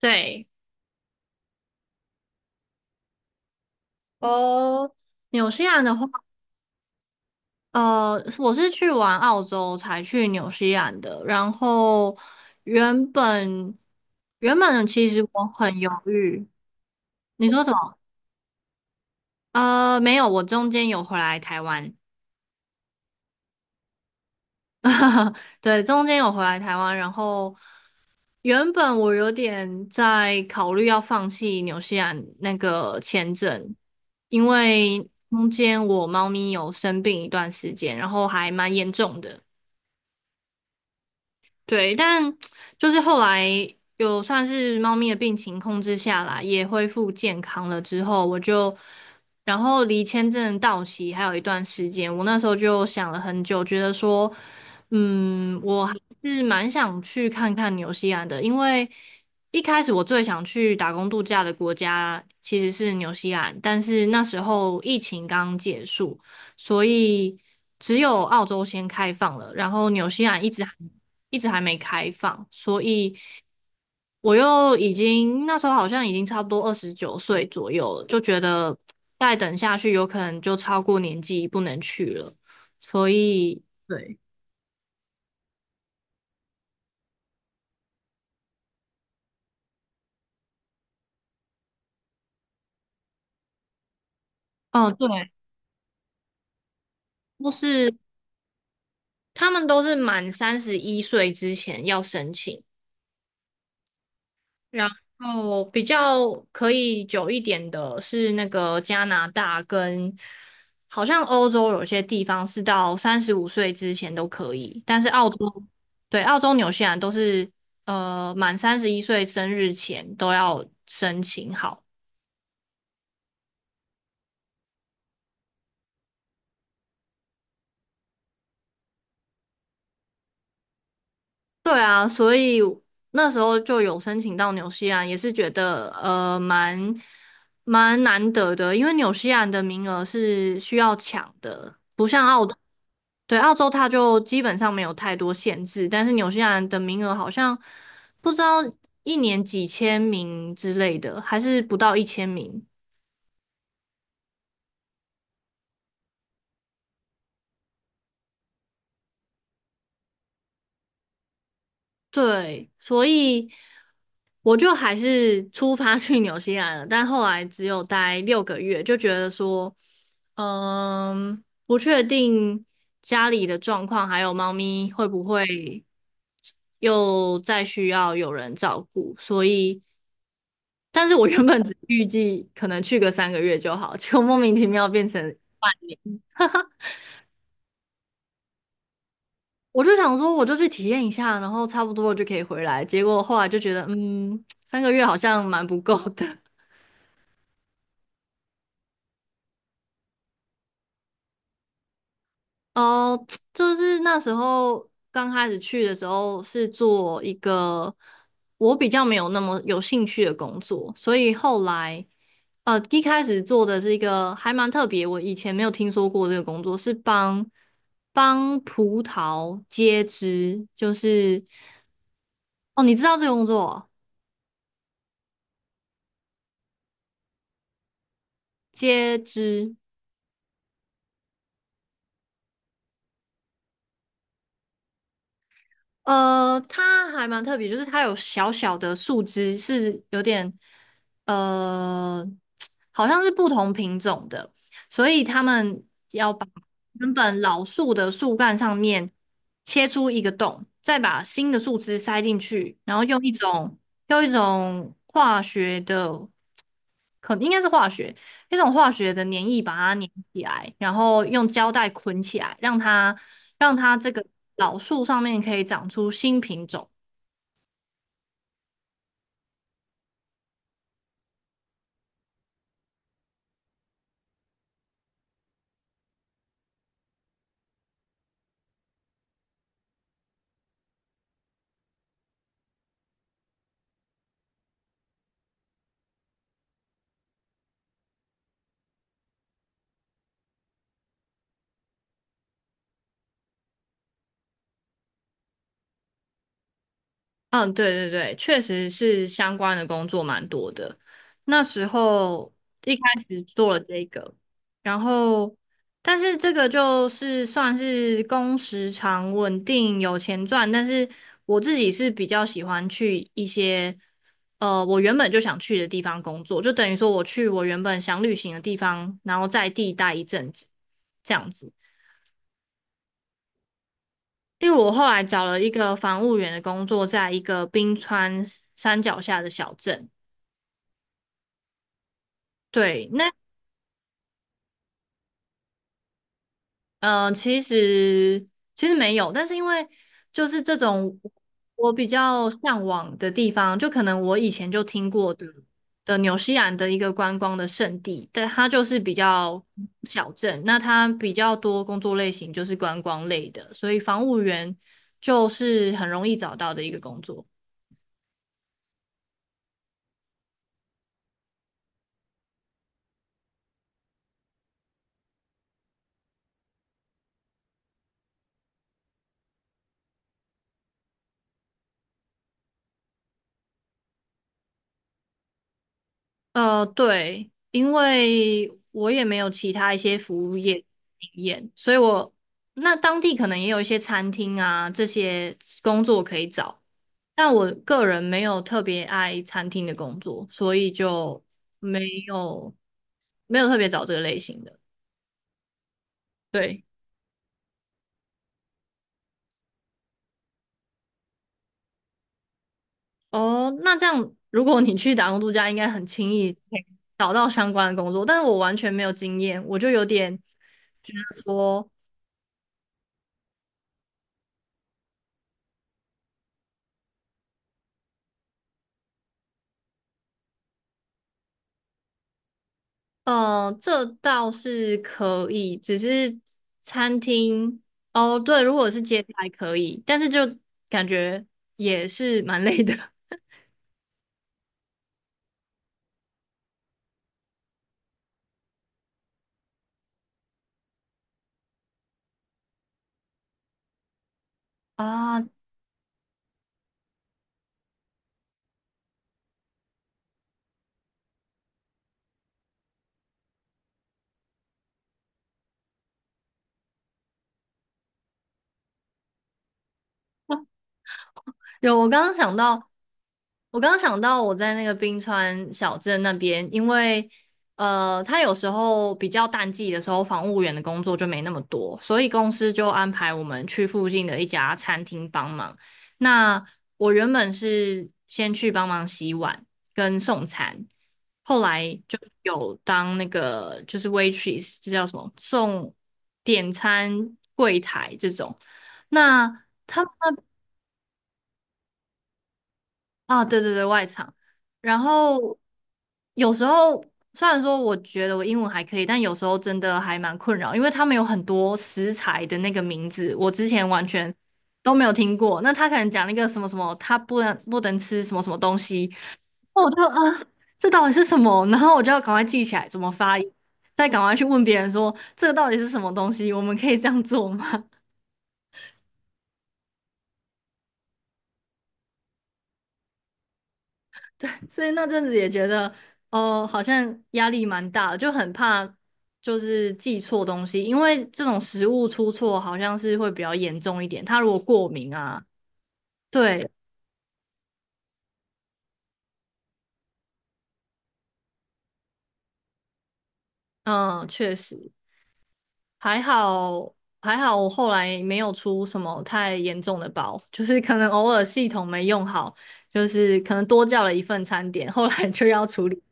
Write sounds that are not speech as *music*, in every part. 对，哦，纽西兰的话，我是去完澳洲才去纽西兰的。然后原本原本其实我很犹豫。你说什么？没有，我中间有回来台湾。*laughs* 对，中间有回来台湾。然后原本我有点在考虑要放弃纽西兰那个签证，因为中间我猫咪有生病一段时间，然后还蛮严重的。对，但就是后来有算是猫咪的病情控制下来，也恢复健康了之后，我就，然后离签证到期还有一段时间，我那时候就想了很久，觉得说，嗯，我还是蛮想去看看纽西兰的，因为一开始我最想去打工度假的国家其实是纽西兰，但是那时候疫情刚结束。所以只有澳洲先开放了，然后纽西兰一直还没开放，所以我又已经那时候好像已经差不多29岁左右了，就觉得再等下去有可能就超过年纪不能去了，所以对。哦对，都是他们都是满三十一岁之前要申请，然后比较可以久一点的是那个加拿大跟，好像欧洲有些地方是到35岁之前都可以，但是澳洲，对，澳洲、纽西兰都是满三十一岁生日前都要申请好。对啊，所以那时候就有申请到纽西兰，也是觉得蛮难得的，因为纽西兰的名额是需要抢的，不像澳洲，对，澳洲它就基本上没有太多限制，但是纽西兰的名额好像不知道一年几千名之类的，还是不到1,000名。对，所以我就还是出发去纽西兰了，但后来只有待6个月，就觉得说，嗯，不确定家里的状况，还有猫咪会不会又再需要有人照顾，所以，但是我原本只预计可能去个三个月就好，结果莫名其妙变成，我就想说我就去体验一下，然后差不多了就可以回来，结果后来就觉得，嗯，三个月好像蛮不够的。哦，就是那时候刚开始去的时候是做一个我比较没有那么有兴趣的工作，所以后来一开始做的是一个还蛮特别，我以前没有听说过这个工作，是帮葡萄接枝，就是哦，你知道这个工作哦接枝。它还蛮特别，就是它有小小的树枝，是有点呃，好像是不同品种的，所以他们要把原本老树的树干上面切出一个洞，再把新的树枝塞进去，然后用一种用一种化学的可应该是化学，一种化学的粘液把它粘起来，然后用胶带捆起来，让它这个老树上面可以长出新品种。嗯，对对对，确实是相关的工作蛮多的。那时候一开始做了这个，然后但是这个就是算是工时长、稳定、有钱赚，但是我自己是比较喜欢去一些我原本就想去的地方工作，就等于说我去我原本想旅行的地方，然后在地待一阵子，这样子。例如，我后来找了一个防务员的工作，在一个冰川山脚下的小镇。对，那呃，其实其实没有，但是因为就是这种我比较向往的地方，就可能我以前就听过的的纽西兰的一个观光的圣地，但它就是比较小镇，那它比较多工作类型就是观光类的，所以防务员就是很容易找到的一个工作。对，因为我也没有其他一些服务业经验，所以我那当地可能也有一些餐厅啊，这些工作可以找，但我个人没有特别爱餐厅的工作，所以就没有没有特别找这个类型的。对。哦，那这样如果你去打工度假，应该很轻易可以找到相关的工作，但是我完全没有经验，我就有点觉得说。这倒是可以，只是餐厅哦，对，如果是接待可以，但是就感觉也是蛮累的 *laughs* 啊。有，我刚刚想到我在那个冰川小镇那边，因为他有时候比较淡季的时候，房务员的工作就没那么多，所以公司就安排我们去附近的一家餐厅帮忙。那我原本是先去帮忙洗碗跟送餐，后来就有当那个就是 waitress，这叫什么？送点餐柜台这种。那他们那啊，对对对，外场。然后有时候虽然说我觉得我英文还可以，但有时候真的还蛮困扰，因为他们有很多食材的那个名字，我之前完全都没有听过。那他可能讲那个什么什么，他不能吃什么什么东西，那我就啊，这到底是什么？然后我就要赶快记起来怎么发音，再赶快去问别人说这个到底是什么东西，我们可以这样做吗？对，所以那阵子也觉得，哦，好像压力蛮大的，就很怕就是记错东西，因为这种食物出错好像是会比较严重一点。他如果过敏啊，对，嗯，确实还好，还好我后来没有出什么太严重的包，就是可能偶尔系统没用好，就是可能多叫了一份餐点，后来就要处理。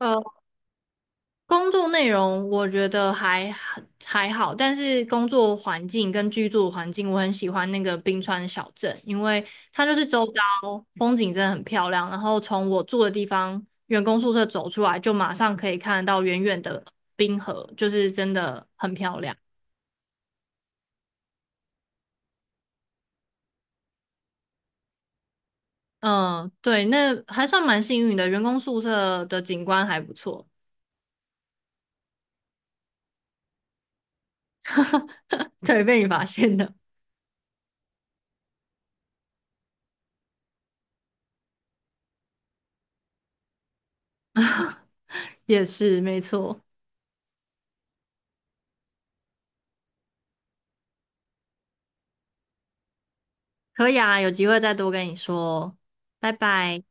呃工作内容我觉得还好，但是工作环境跟居住环境，我很喜欢那个冰川小镇，因为它就是周遭风景真的很漂亮，然后从我住的地方员工宿舍走出来，就马上可以看得到远远的冰河，就是真的很漂亮。嗯，对，那还算蛮幸运的，员工宿舍的景观还不错。*laughs* 对，被你发现的，*laughs* 也是没错。可以啊，有机会再多跟你说，拜拜。